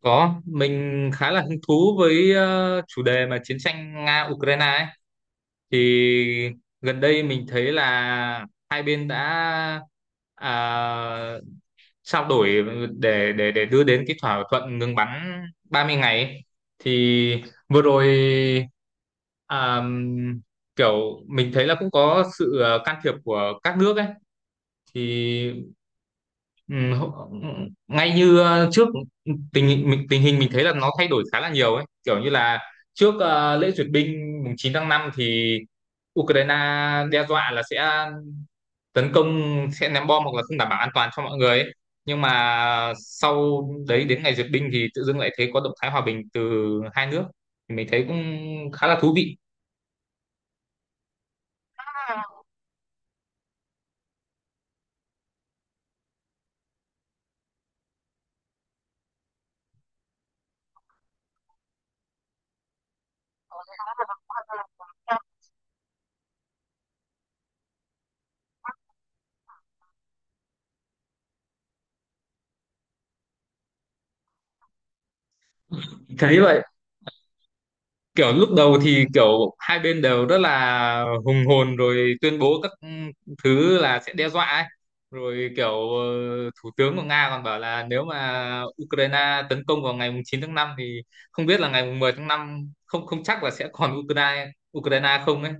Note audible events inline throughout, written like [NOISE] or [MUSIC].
Có, mình khá là hứng thú với chủ đề mà chiến tranh Nga-Ukraine ấy. Thì gần đây mình thấy là hai bên đã à, trao đổi để đưa đến cái thỏa thuận ngừng bắn 30 ngày ấy. Thì vừa rồi à, kiểu mình thấy là cũng có sự can thiệp của các nước ấy. Thì Ừ, hậu- ừ, ngay như trước tình hình mình thấy là nó thay đổi khá là nhiều ấy, kiểu như là trước lễ duyệt binh mùng 9 tháng 5 thì Ukraine đe dọa là sẽ tấn công, sẽ ném bom hoặc là không đảm bảo an toàn cho mọi người ấy. Nhưng mà sau đấy đến ngày duyệt binh thì tự dưng lại thấy có động thái hòa bình từ hai nước, thì mình thấy cũng khá là thú vị. Thấy vậy, kiểu lúc đầu thì kiểu hai bên đều rất là hùng hồn rồi tuyên bố các thứ là sẽ đe dọa ấy. Rồi kiểu thủ tướng của Nga còn bảo là nếu mà Ukraine tấn công vào ngày mùng 9 tháng 5 thì không biết là ngày mùng 10 tháng 5 không không chắc là sẽ còn Ukraine Ukraine không ấy.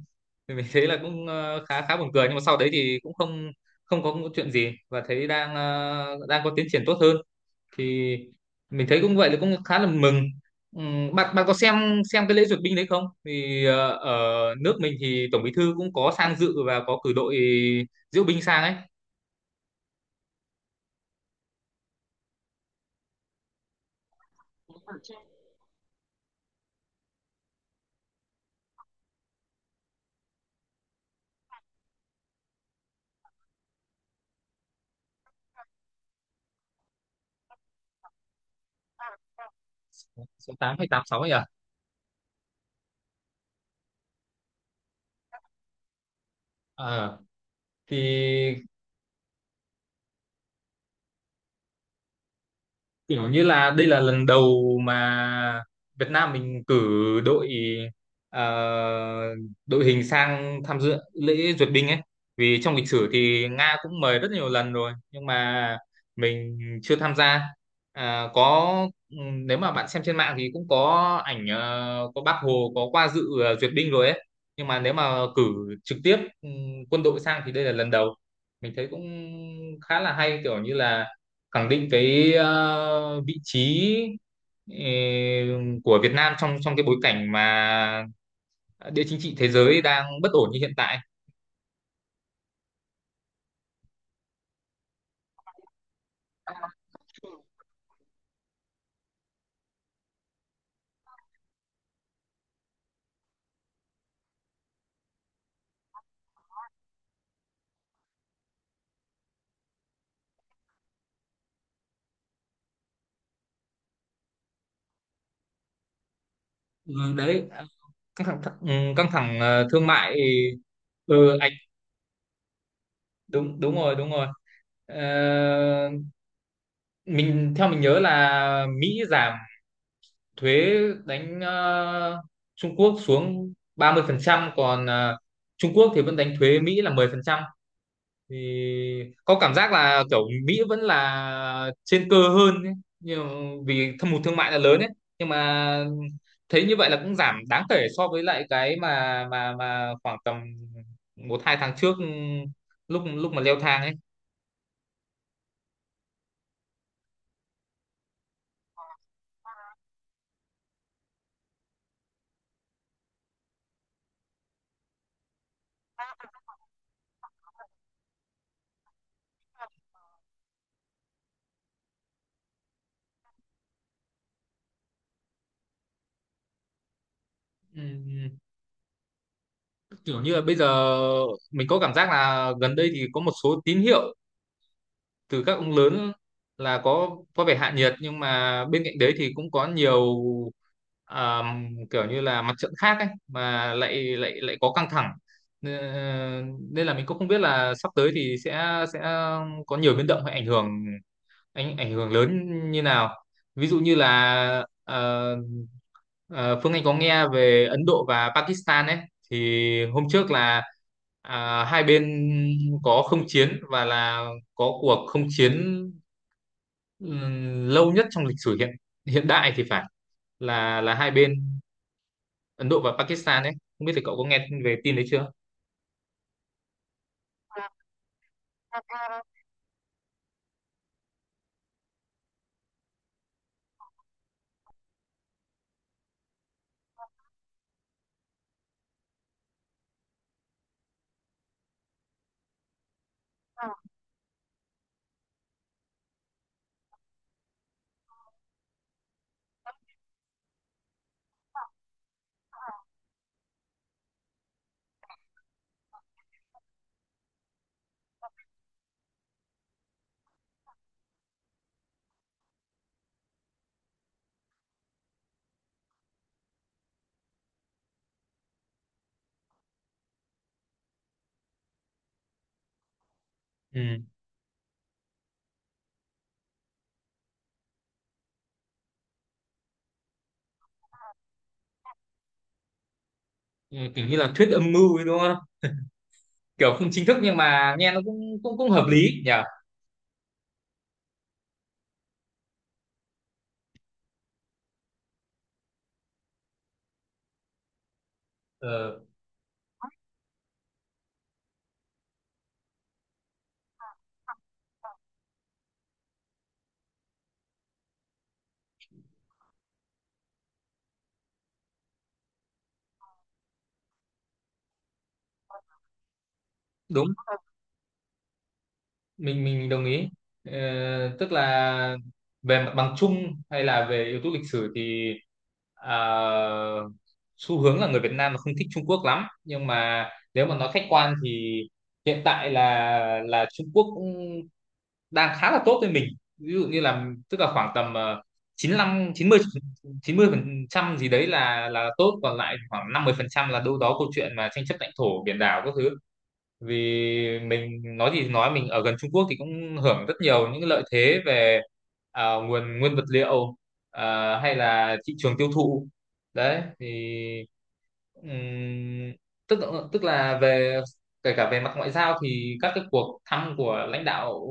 Thì mình thấy là cũng khá khá buồn cười, nhưng mà sau đấy thì cũng không không có chuyện gì và thấy đang có tiến triển tốt hơn, thì mình thấy cũng vậy là cũng khá là mừng. Bạn bạn có xem cái lễ duyệt binh đấy không? Thì ở nước mình thì tổng bí thư cũng có sang dự và có cử đội diễu binh sang ấy. Số 8 hay 86 ấy à? Ờ, thì kiểu như là đây là lần đầu mà Việt Nam mình cử đội ờ, đội hình sang tham dự lễ duyệt binh ấy, vì trong lịch sử thì Nga cũng mời rất nhiều lần rồi nhưng mà mình chưa tham gia. Có, ừ, nếu mà bạn xem trên mạng thì cũng có ảnh, có Bác Hồ có qua dự duyệt binh rồi ấy. Nhưng mà nếu mà cử trực tiếp, quân đội sang thì đây là lần đầu. Mình thấy cũng khá là hay, kiểu như là khẳng định cái vị trí ờ, của Việt Nam trong trong cái bối cảnh mà địa chính trị thế giới đang bất ổn như hiện tại. Ừ, đấy, căng thẳng căng thẳng thương mại. Ừ, anh. Đúng, đúng rồi, đúng rồi. Ờ, theo mình nhớ là Mỹ giảm thuế đánh Trung Quốc xuống 30%, còn Trung Quốc thì vẫn đánh thuế Mỹ là 10%, thì có cảm giác là kiểu Mỹ vẫn là trên cơ hơn ấy. Nhưng vì thâm hụt thương mại là lớn ấy, nhưng mà thấy như vậy là cũng giảm đáng kể so với lại cái mà khoảng tầm một hai tháng trước, lúc lúc mà leo thang ấy. Ừm, kiểu như là bây giờ mình có cảm giác là gần đây thì có một số tín hiệu từ các ông lớn là có vẻ hạ nhiệt, nhưng mà bên cạnh đấy thì cũng có nhiều à, kiểu như là mặt trận khác ấy mà lại lại lại có căng thẳng. Ờ, nên là mình cũng không biết là sắp tới thì sẽ có nhiều biến động hay ảnh hưởng, ảnh ảnh hưởng lớn như nào, ví dụ như là Ờ, Phương Anh có nghe về Ấn Độ và Pakistan ấy, thì hôm trước là hai bên có không chiến và là có cuộc không chiến lâu nhất trong lịch sử hiện hiện đại thì phải, là hai bên Ấn Độ và Pakistan ấy. Không biết thì cậu có nghe về tin đấy chưa? Ừ. Ừ, kiểu như là thuyết âm mưu ấy đúng không? Kiểu không chính thức nhưng mà nghe nó cũng cũng cũng hợp lý nhỉ? Ờ, đúng. Mình đồng ý. Ờ, tức là về mặt bằng chung hay là về yếu tố lịch sử thì à, xu hướng là người Việt Nam là không thích Trung Quốc lắm, nhưng mà nếu mà nói khách quan thì hiện tại là Trung Quốc cũng đang khá là tốt với mình. Ví dụ như là tức là khoảng tầm 95, 90, 90% gì đấy là tốt, còn lại khoảng 50% phần trăm là đâu đó câu chuyện mà tranh chấp lãnh thổ biển đảo các thứ. Vì mình nói gì thì nói mình ở gần Trung Quốc thì cũng hưởng rất nhiều những lợi thế về nguồn nguyên vật liệu, hay là thị trường tiêu thụ đấy. Thì ừm, tức tức là về, kể cả về mặt ngoại giao thì các cái cuộc thăm của lãnh đạo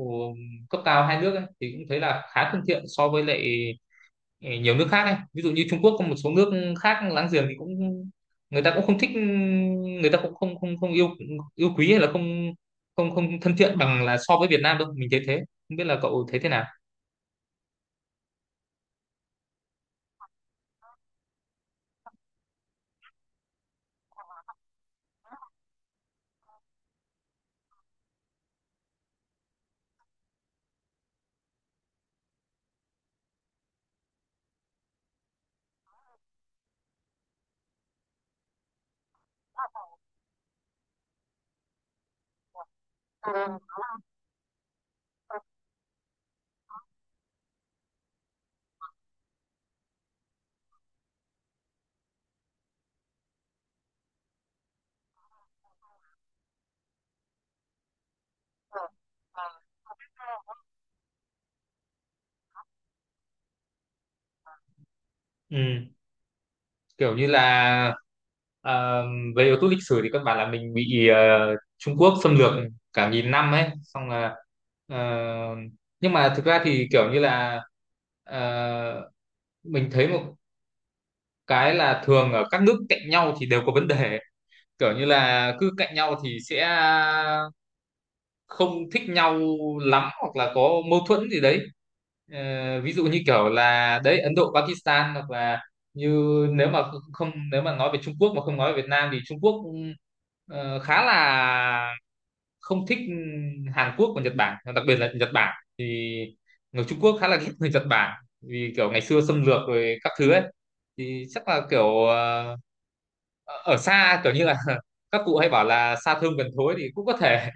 cấp cao hai nước ấy, thì cũng thấy là khá thân thiện so với lại nhiều nước khác ấy. Ví dụ như Trung Quốc có một số nước khác láng giềng thì cũng người ta cũng không thích, người ta cũng không không không yêu yêu quý hay là không không không thân thiện bằng là so với Việt Nam đâu, mình thấy thế. Không biết là cậu thấy thế nào. Ừ, kiểu như là ờ, về yếu tố lịch sử thì căn bản là mình bị Trung Quốc xâm lược cả nghìn năm ấy, xong là ờ, nhưng mà thực ra thì kiểu như là ờ, mình thấy một cái là thường ở các nước cạnh nhau thì đều có vấn đề, kiểu như là cứ cạnh nhau thì sẽ không thích nhau lắm hoặc là có mâu thuẫn gì đấy. Ờ, ví dụ như kiểu là đấy Ấn Độ Pakistan hoặc là như, nếu mà không nếu mà nói về Trung Quốc mà không nói về Việt Nam thì Trung Quốc khá là không thích Hàn Quốc và Nhật Bản, đặc biệt là Nhật Bản, thì người Trung Quốc khá là ghét người Nhật Bản vì kiểu ngày xưa xâm lược rồi các thứ ấy. Thì chắc là kiểu ở xa, kiểu như là [LAUGHS] các cụ hay bảo là xa thơm gần thối thì cũng có thể.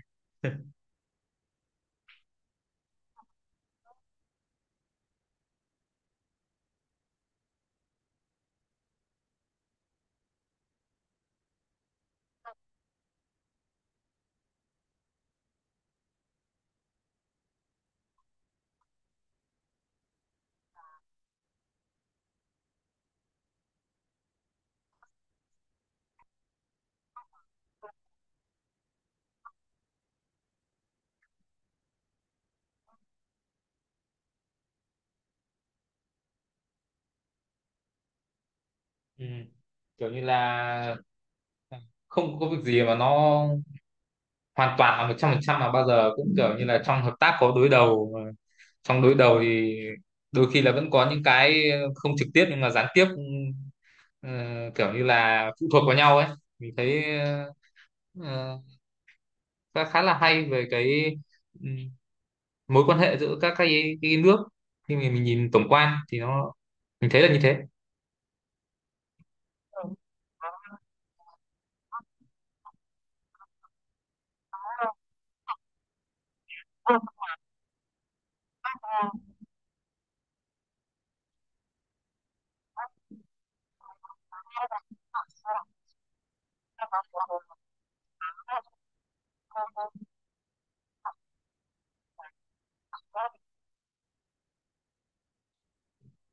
Ừ, kiểu như là không có việc gì mà nó hoàn toàn là 100%, mà bao giờ cũng kiểu như là trong hợp tác có đối đầu, mà trong đối đầu thì đôi khi là vẫn có những cái không trực tiếp nhưng mà gián tiếp, ừ, kiểu như là phụ thuộc vào nhau ấy. Mình thấy ờ, khá khá là hay về cái ừm, mối quan hệ giữa các cái nước, khi mà mình nhìn tổng quan thì nó, mình thấy là như thế.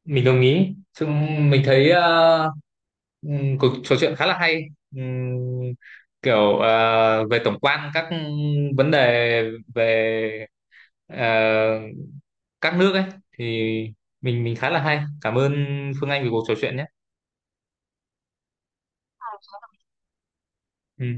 Mình đồng ý, chúng mình thấy cuộc trò chuyện khá là hay. Ừm, kiểu về tổng quan các vấn đề về ờ, các nước ấy, thì mình khá là hay, cảm ơn Phương Anh vì cuộc trò chuyện nhé. Ừ.